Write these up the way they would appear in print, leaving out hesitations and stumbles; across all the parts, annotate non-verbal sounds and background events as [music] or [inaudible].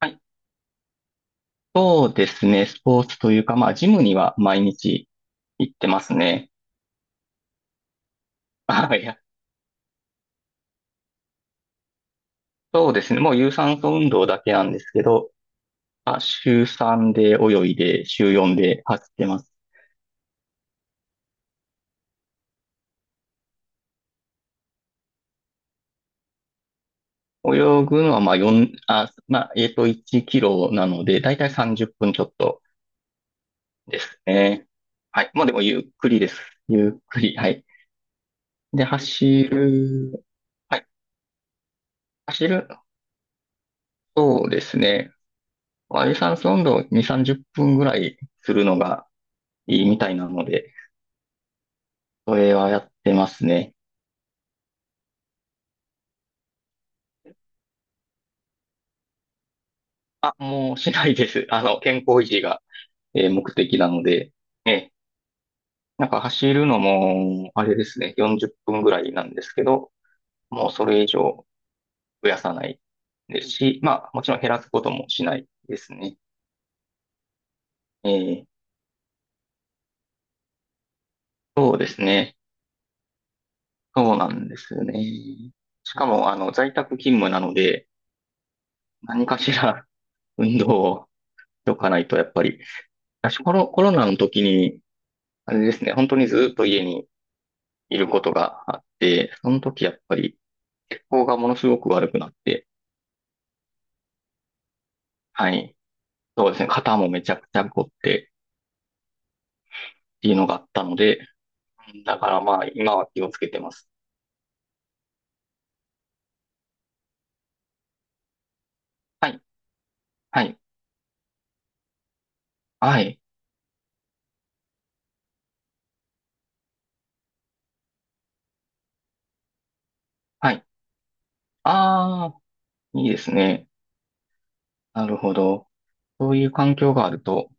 はい。そうですね。スポーツというか、まあ、ジムには毎日行ってますね。あ、いや、そうですね。もう有酸素運動だけなんですけど、まあ、週3で泳いで、週4で走ってます。泳ぐのは、まあ、4、あ、まあ、1キロなので、だいたい30分ちょっとですね。はい。もうでも、ゆっくりです。ゆっくり。はい。で、走る、はい。走る、そうですね。まあ有酸素運動2、30分ぐらいするのが、いいみたいなので、それはやってますね。あ、もうしないです。[laughs] あの、健康維持が、目的なので、え、なんか走るのも、あれですね、40分ぐらいなんですけど、もうそれ以上増やさないですし、まあ、もちろん減らすこともしないですね。えーそうですね。そうなんですよね。しかも、あの、在宅勤務なので、何かしら運動をしとかないと、やっぱり、私、コロナの時に、あれですね、本当にずっと家にいることがあって、その時やっぱり血行がものすごく悪くなって、はい。そうですね、肩もめちゃくちゃ凝ってっていうのがあったので、だからまあ今は気をつけてます。はい、はい、はい、はい。ああ、いいですね。なるほど。そういう環境があると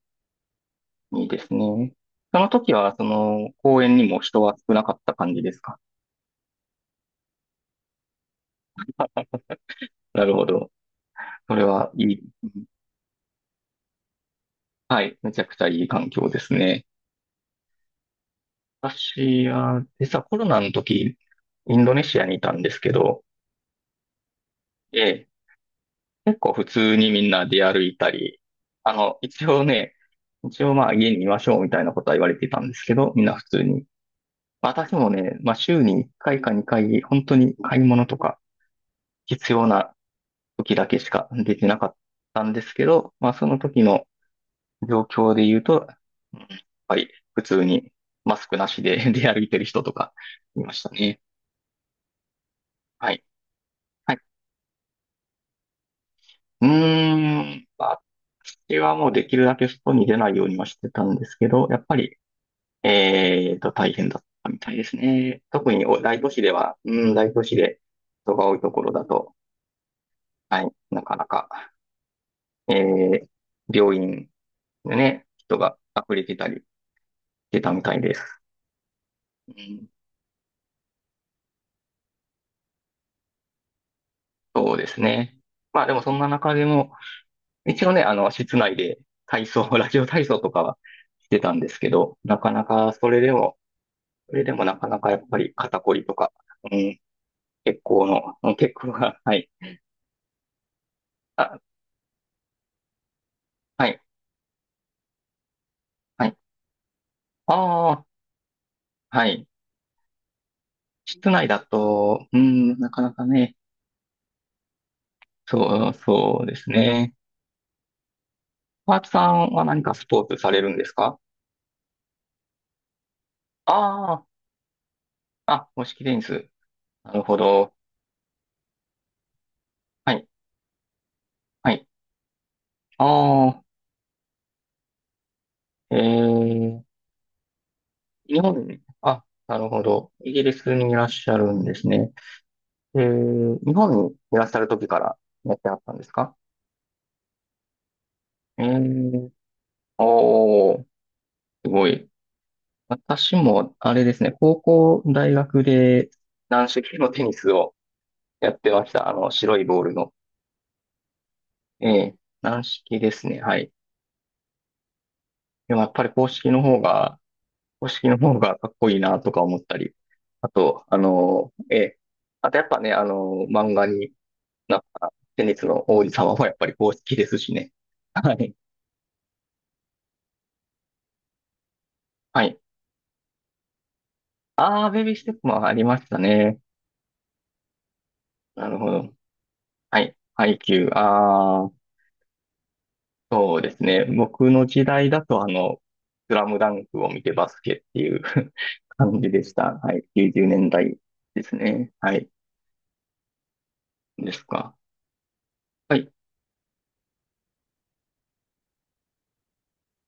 いいですね。その時は、その公園にも人は少なかった感じですか？なるほど。それはいい。はい、めちゃくちゃいい環境ですね。私は、実はコロナの時、インドネシアにいたんですけど、ええ、結構普通にみんな出歩いたり、あの、一応ね、一応まあ家にいましょうみたいなことは言われていたんですけど、みんな普通に。私もね、まあ週に1回か2回、本当に買い物とか必要な時だけしかできなかったんですけど、まあその時の状況で言うと、うんやっぱり普通にマスクなしで [laughs] 出歩いてる人とかいましたね。はい。うーん、まあ私はもうできるだけ外に出ないようにはしてたんですけど、やっぱり、大変だったみたいですね。特にお大都市では、うん、大都市で人が多いところだと、はい、なかなか、えー、病院でね、人が溢れてたりしてたみたいです。うん、そうですね。まあでもそんな中でも、一応ね、あの、室内で体操、ラジオ体操とかはしてたんですけど、なかなかそれでも、それでもなかなかやっぱり肩こりとか、うん、血行が、[laughs] はい。あ、はい、はい。ああ、はい。室内だと、うん、なかなかね、そうですね。パーツさんは何かスポーツされるんですか？ああ、あ、公式テニス。なるほど。はい、はい。ああ、えー、日本に、あ、なるほど。イギリスにいらっしゃるんですね。えー、日本にいらっしゃる時からやってあったんですか？えーおー、すごい。私も、あれですね、高校、大学で軟式のテニスをやってました。あの、白いボールの。ええ、軟式ですね。はい。でもやっぱり公式の方が、公式の方がかっこいいなとか思ったり。あと、あの、ええ、あとやっぱね、あの、漫画になったテニスの王子様もやっぱり公式ですしね。はい。はい。ああベビーステップもありましたね。なるほど。はい。ハイキュあー。そうですね。僕の時代だと、あの、スラムダンクを見てバスケっていう [laughs] 感じでした。はい。90年代ですね。はい。ですか。はい。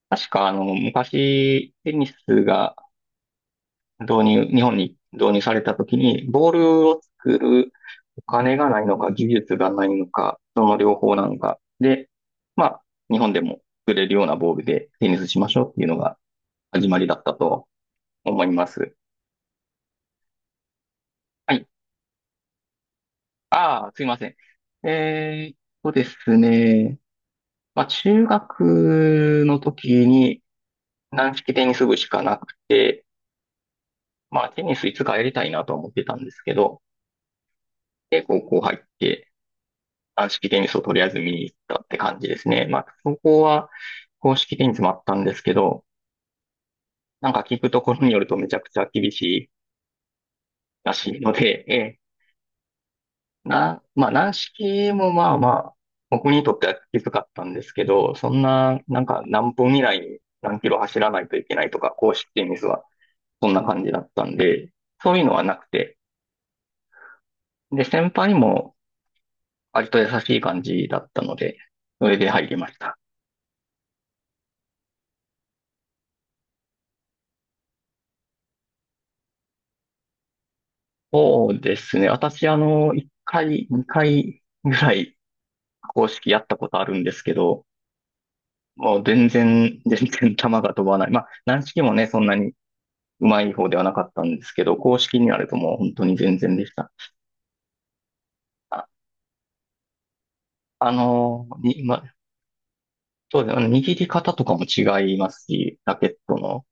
確か、あの、昔、テニスが日本に導入された時に、ボールを作るお金がないのか、技術がないのか、その両方なのか。で、まあ、日本でも作れるようなボールでテニスしましょうっていうのが始まりだったと思います。はい。ああ、すいません。ですね。まあ、中学の時に軟式テニス部しかなくて、まあ、テニスいつかやりたいなとは思ってたんですけど、で、高校入って、軟式テニスをとりあえず見に行ったって感じですね。まあ、高校は公式テニスもあったんですけど、なんか聞くところによるとめちゃくちゃ厳しいらしいので、えな、まあ、軟式もまあまあ、僕にとってはきつかったんですけど、そんな、なんか何分以内に何キロ走らないといけないとか、公式テニスはそんな感じだったんで、そういうのはなくて、で、先輩も割と優しい感じだったので、それで入りました。そうですね。私、あの、1回、2回ぐらい公式やったことあるんですけど、もう全然、全然球が飛ばない。まあ、軟式もね、そんなにうまい方ではなかったんですけど、公式になるともう本当に全然でした。あ、あのに、ま、そうですね。握り方とかも違いますし、ラケットの。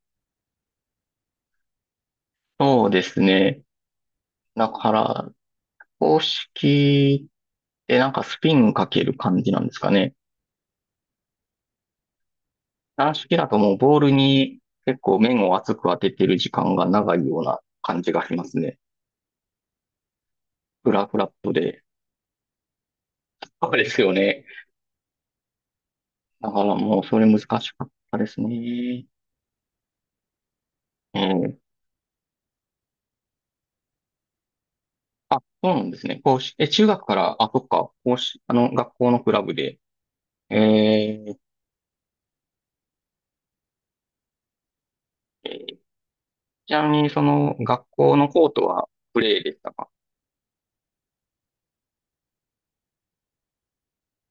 そうですね。だから、公式ってなんかスピンかける感じなんですかね。軟式だともうボールに結構面を厚く当ててる時間が長いような感じがしますね。フラフラットで。そうですよね。だからもうそれ難しかったですね。えーあ、そうなんですね。公式、え、中学から、あ、そっか、公式、あの、学校のクラブで。えー、えーちなみに、その、学校のコートはプレーでしたか？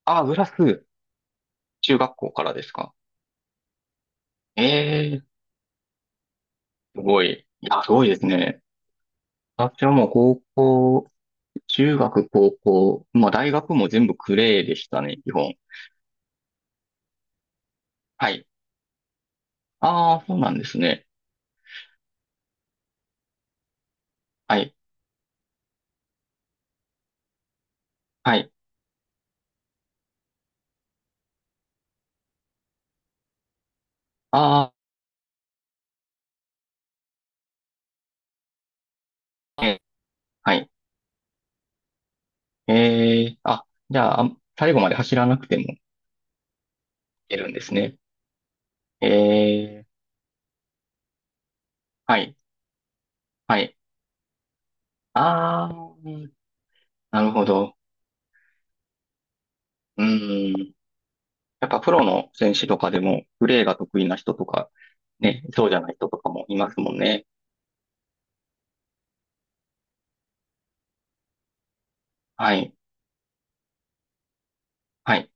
あ、ブラス、中学校からですか？えー、すごい。いや、すごいですね。私はもう高校、中学、高校、まあ大学も全部クレーでしたね、基本。はい。ああ、そうなんですね。はい。はい。ああ、えはい。えー、あ、じゃあ、最後まで走らなくてもいけるんですね。ええ、はい、はい。あー、なるほど。うん。やっぱプロの選手とかでも、プレーが得意な人とか、ね、そうじゃない人とかもいますもんね。はい、はい。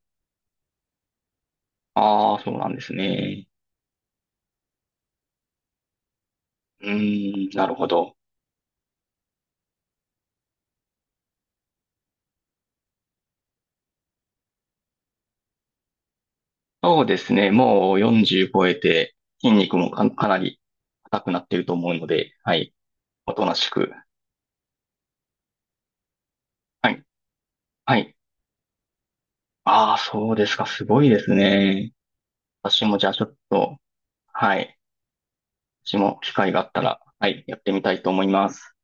ああ、そうなんですね。うん、なるほど。そうですね。もう40超えて、筋肉もか、かなり硬くなっていると思うので、はい。おとなしく。はい、はい。ああ、そうですか。すごいですね。私もじゃあちょっと、はい。私も機会があったら、はい、やってみたいと思います。